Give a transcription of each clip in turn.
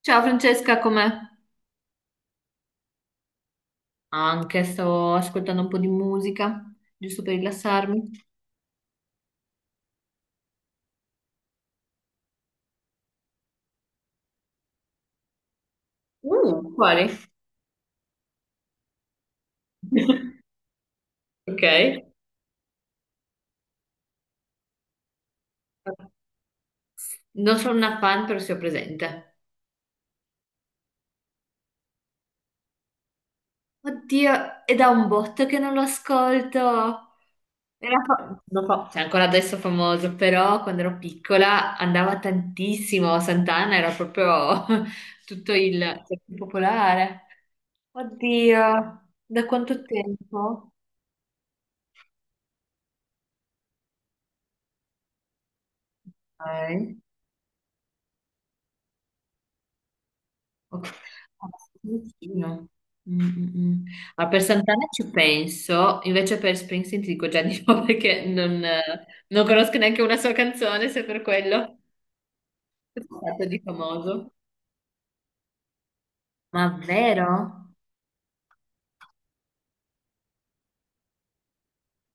Ciao Francesca, com'è? Anche sto ascoltando un po' di musica, giusto per rilassarmi. Quali? Ok. Non sono una fan, però sono presente. Oddio, è da un botto che non lo ascolto. Era fa- non fa- cioè, ancora adesso è famoso, però quando ero piccola andava tantissimo. Sant'Anna era proprio tutto il cioè, più popolare. Oddio, da quanto tempo? Ok. Ok. Ah, Santino. Mm, mm, mm. Allora, per Santana ci penso, invece per Springsteen ti dico già di no perché non conosco neanche una sua canzone, se per quello è stato di famoso. Ma vero?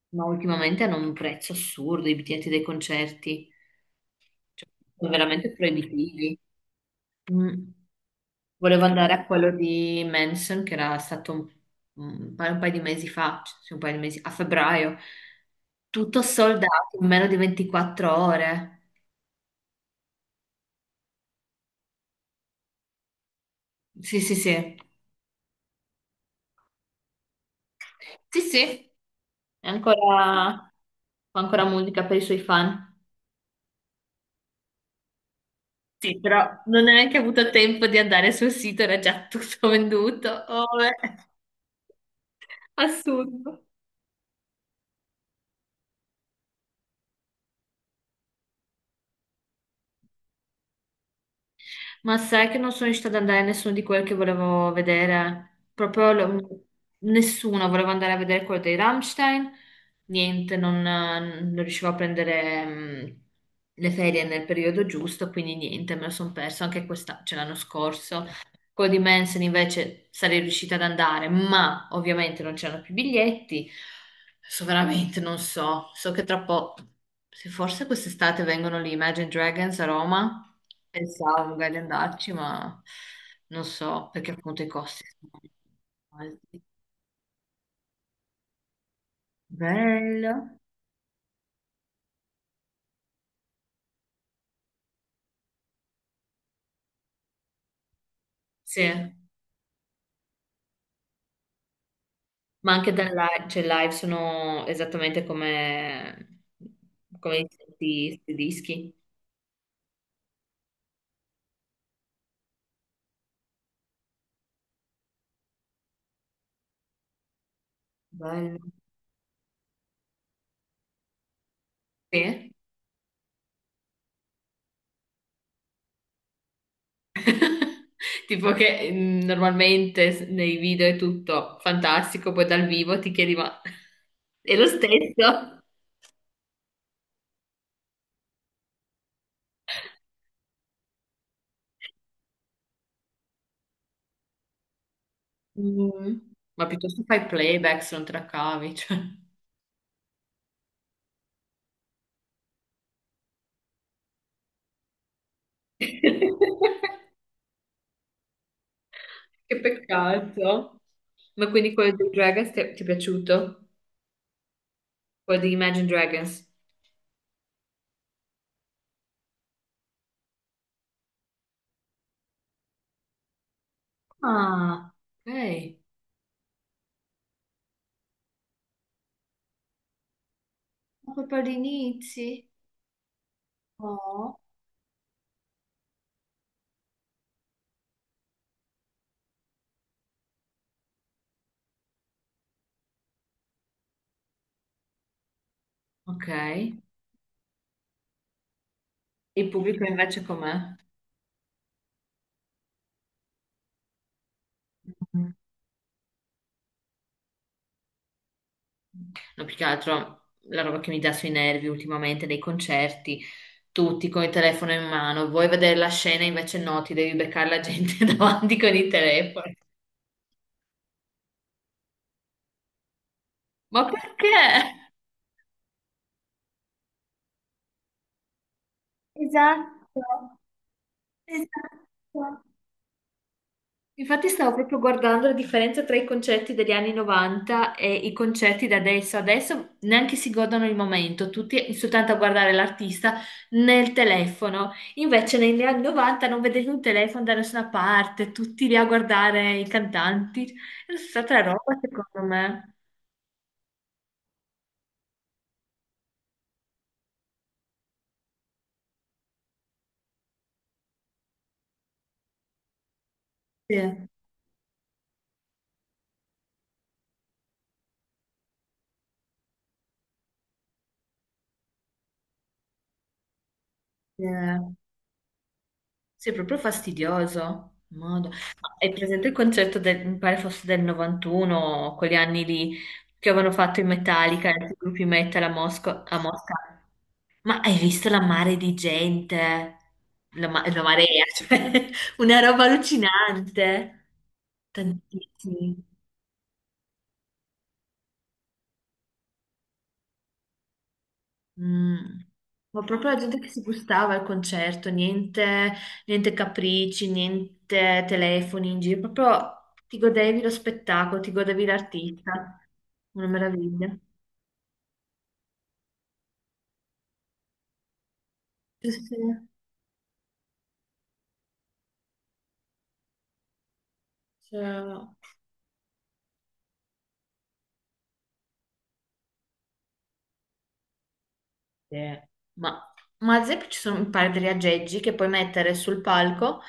Ma ultimamente hanno un prezzo assurdo i biglietti dei concerti, cioè, sono veramente proibitivi. Mm. Volevo andare a quello di Manson, che era stato un, un paio di mesi fa, cioè, sì, un paio di mesi, a febbraio. Tutto soldato in meno di 24 ore. Sì, sì, sì. Sì, sì, è ancora, fa ancora musica per i suoi fan. Sì, però non hai neanche avuto tempo di andare sul sito, era già tutto venduto. Oh, beh, assurdo. Ma sai che non sono riuscita ad andare a nessuno di quelli che volevo vedere? Nessuno. Volevo andare a vedere quello dei Rammstein. Niente, non riuscivo a prendere le ferie nel periodo giusto, quindi niente, me lo sono perso anche questa, cioè l'anno scorso. Quello di Manson invece sarei riuscita ad andare, ma ovviamente non c'erano più biglietti. Adesso veramente non so. So che tra poco, se forse quest'estate vengono gli Imagine Dragons a Roma, pensavo magari di andarci, ma non so perché appunto i costi sono alti. Bello. Sì, ma anche dal live, cioè live sono esattamente come, come i questi questi dischi. Bello. Sì. Tipo che normalmente nei video è tutto fantastico, poi dal vivo ti chiedi ma è lo stesso? Mm. Ma piuttosto fai playback se non te la cavi, cioè. Che peccato. Ma quindi quello dei Dragons ti è piaciuto? Quello di Imagine Dragons? Ah, ok. Ma proprio all'inizio? Oh. Ok. Il pubblico invece com'è? No, più che altro la roba che mi dà sui nervi ultimamente dei concerti, tutti con il telefono in mano, vuoi vedere la scena, invece no, ti devi beccare la gente davanti con il telefono. Ma perché? Esatto, esatto. Infatti stavo proprio guardando la differenza tra i concerti degli anni 90 e i concerti da adesso. Adesso neanche si godono il momento, tutti soltanto a guardare l'artista nel telefono. Invece negli anni 90 non vedevi un telefono da nessuna parte, tutti lì a guardare i cantanti. È stata roba secondo me. Sì, sì. Sì, è proprio fastidioso. Modo. Ma hai presente il concerto del, mi pare fosse del 91, quegli anni lì che avevano fatto in Metallica, i gruppi metal a a Mosca? Ma hai visto la mare di gente? La marea, cioè, una roba allucinante. Tantissimi. Mm. Ma proprio la gente che si gustava al concerto, niente, niente capricci, niente telefoni in giro, proprio ti godevi lo spettacolo, ti godevi l'artista. Una meraviglia. Sì, sì, sì. Cioè, sì. Ma, ma, ad esempio ci sono un paio di aggeggi che puoi mettere sul palco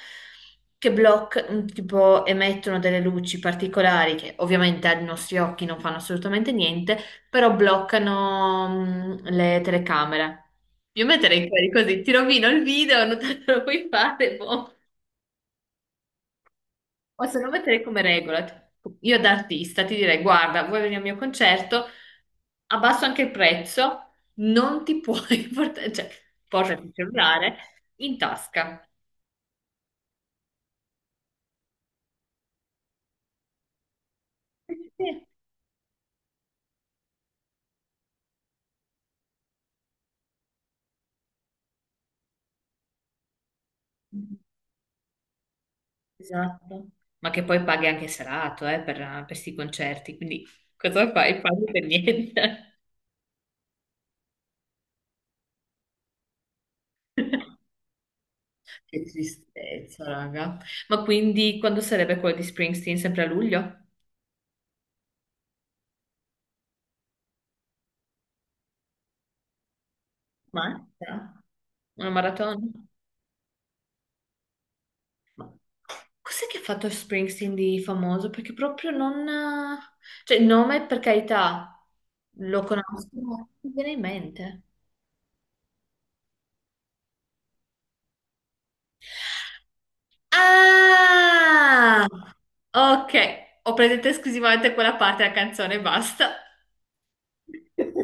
che bloccano, tipo emettono delle luci particolari che ovviamente ai nostri occhi non fanno assolutamente niente, però bloccano le telecamere. Io metterei quelli così, ti rovino il video, non te lo puoi fare, boh. O se no metterei come regola, tipo, io da artista ti direi, guarda, vuoi venire al mio concerto, abbasso anche il prezzo, non ti puoi portare, cioè, portati il cellulare in tasca. Sì, esatto. Ma che poi paghi anche serato, per questi concerti, quindi cosa fai? Paghi per niente. Che tristezza, raga. Ma quindi quando sarebbe quello di Springsteen? Sempre a luglio? Ma? Una maratona? Ma- Cos'è che ha fatto Springsteen di famoso? Perché proprio non... Cioè, il nome, per carità, lo conosco, ma non mi viene in mente. Ah! Ok, ho presente esclusivamente quella parte della canzone e basta. Pensavo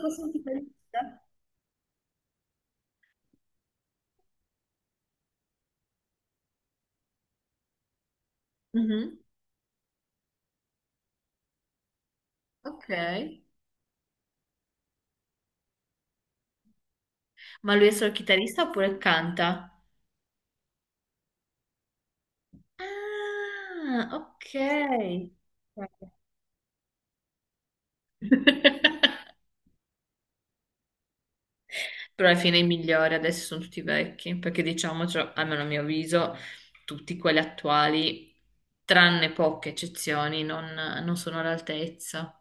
fosse un chitarrista. Mhm, ok. Ma lui è solo chitarrista oppure canta? Ah, ok. Però alla fine i migliori adesso sono tutti vecchi, perché diciamo, cioè, almeno a mio avviso, tutti quelli attuali, tranne poche eccezioni, non, non sono all'altezza.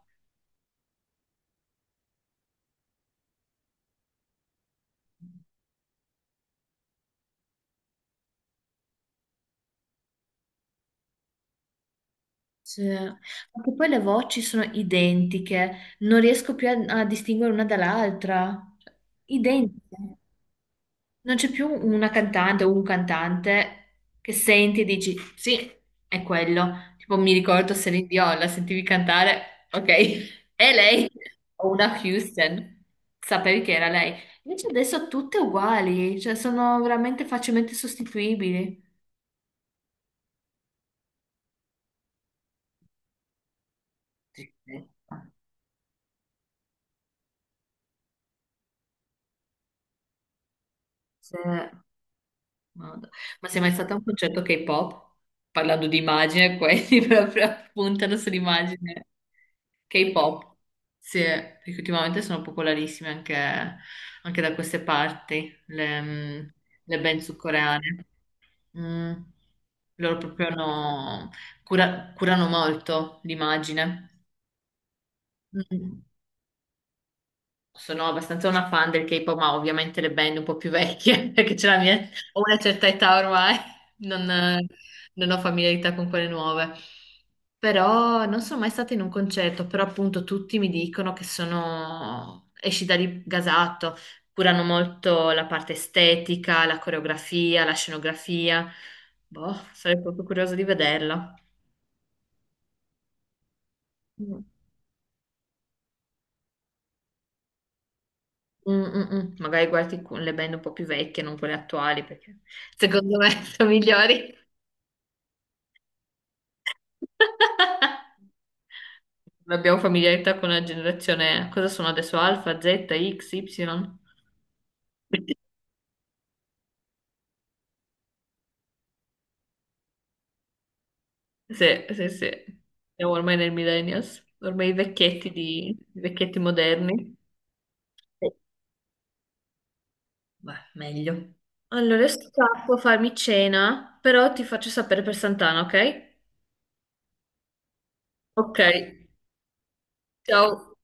Sì. Anche poi le voci sono identiche, non riesco più a, a distinguere una dall'altra. Identiche. Non c'è più una cantante o un cantante che senti e dici sì, è quello. Tipo mi ricordo Celine Dion, la sentivi cantare, ok, è lei. O una Houston, sapevi che era lei. Invece adesso tutte uguali, cioè sono veramente facilmente sostituibili. Sì, sì. Sì. Madonna. Ma sei mai stata a un concerto K-pop? Parlando di immagine, quelli proprio puntano sull'immagine K-pop. Sì, perché ultimamente sono popolarissime anche, anche da queste parti, le, le band sudcoreane. Mm. Loro proprio curano molto l'immagine. Mm. Sono abbastanza una fan del K-pop, ma ovviamente le band un po' più vecchie, perché c'è la mia, ho una certa età ormai, non, non ho familiarità con quelle nuove. Però non sono mai stata in un concerto, però appunto tutti mi dicono che sono, esci da lì gasato, curano molto la parte estetica, la coreografia, la scenografia. Boh, sarei proprio curiosa di vederla. Mm, mm, mm. Magari guardi le band un po' più vecchie, non quelle attuali, perché secondo me sono migliori. Non abbiamo familiarità con la generazione, cosa sono adesso? Alfa, Z, X, Y? Sì, sì, sì. Siamo ormai nel millennials, ormai i vecchietti moderni. Sì. Beh, meglio. Allora, adesso scappo a farmi cena, però ti faccio sapere per Sant'Anna, ok? Ok, ciao.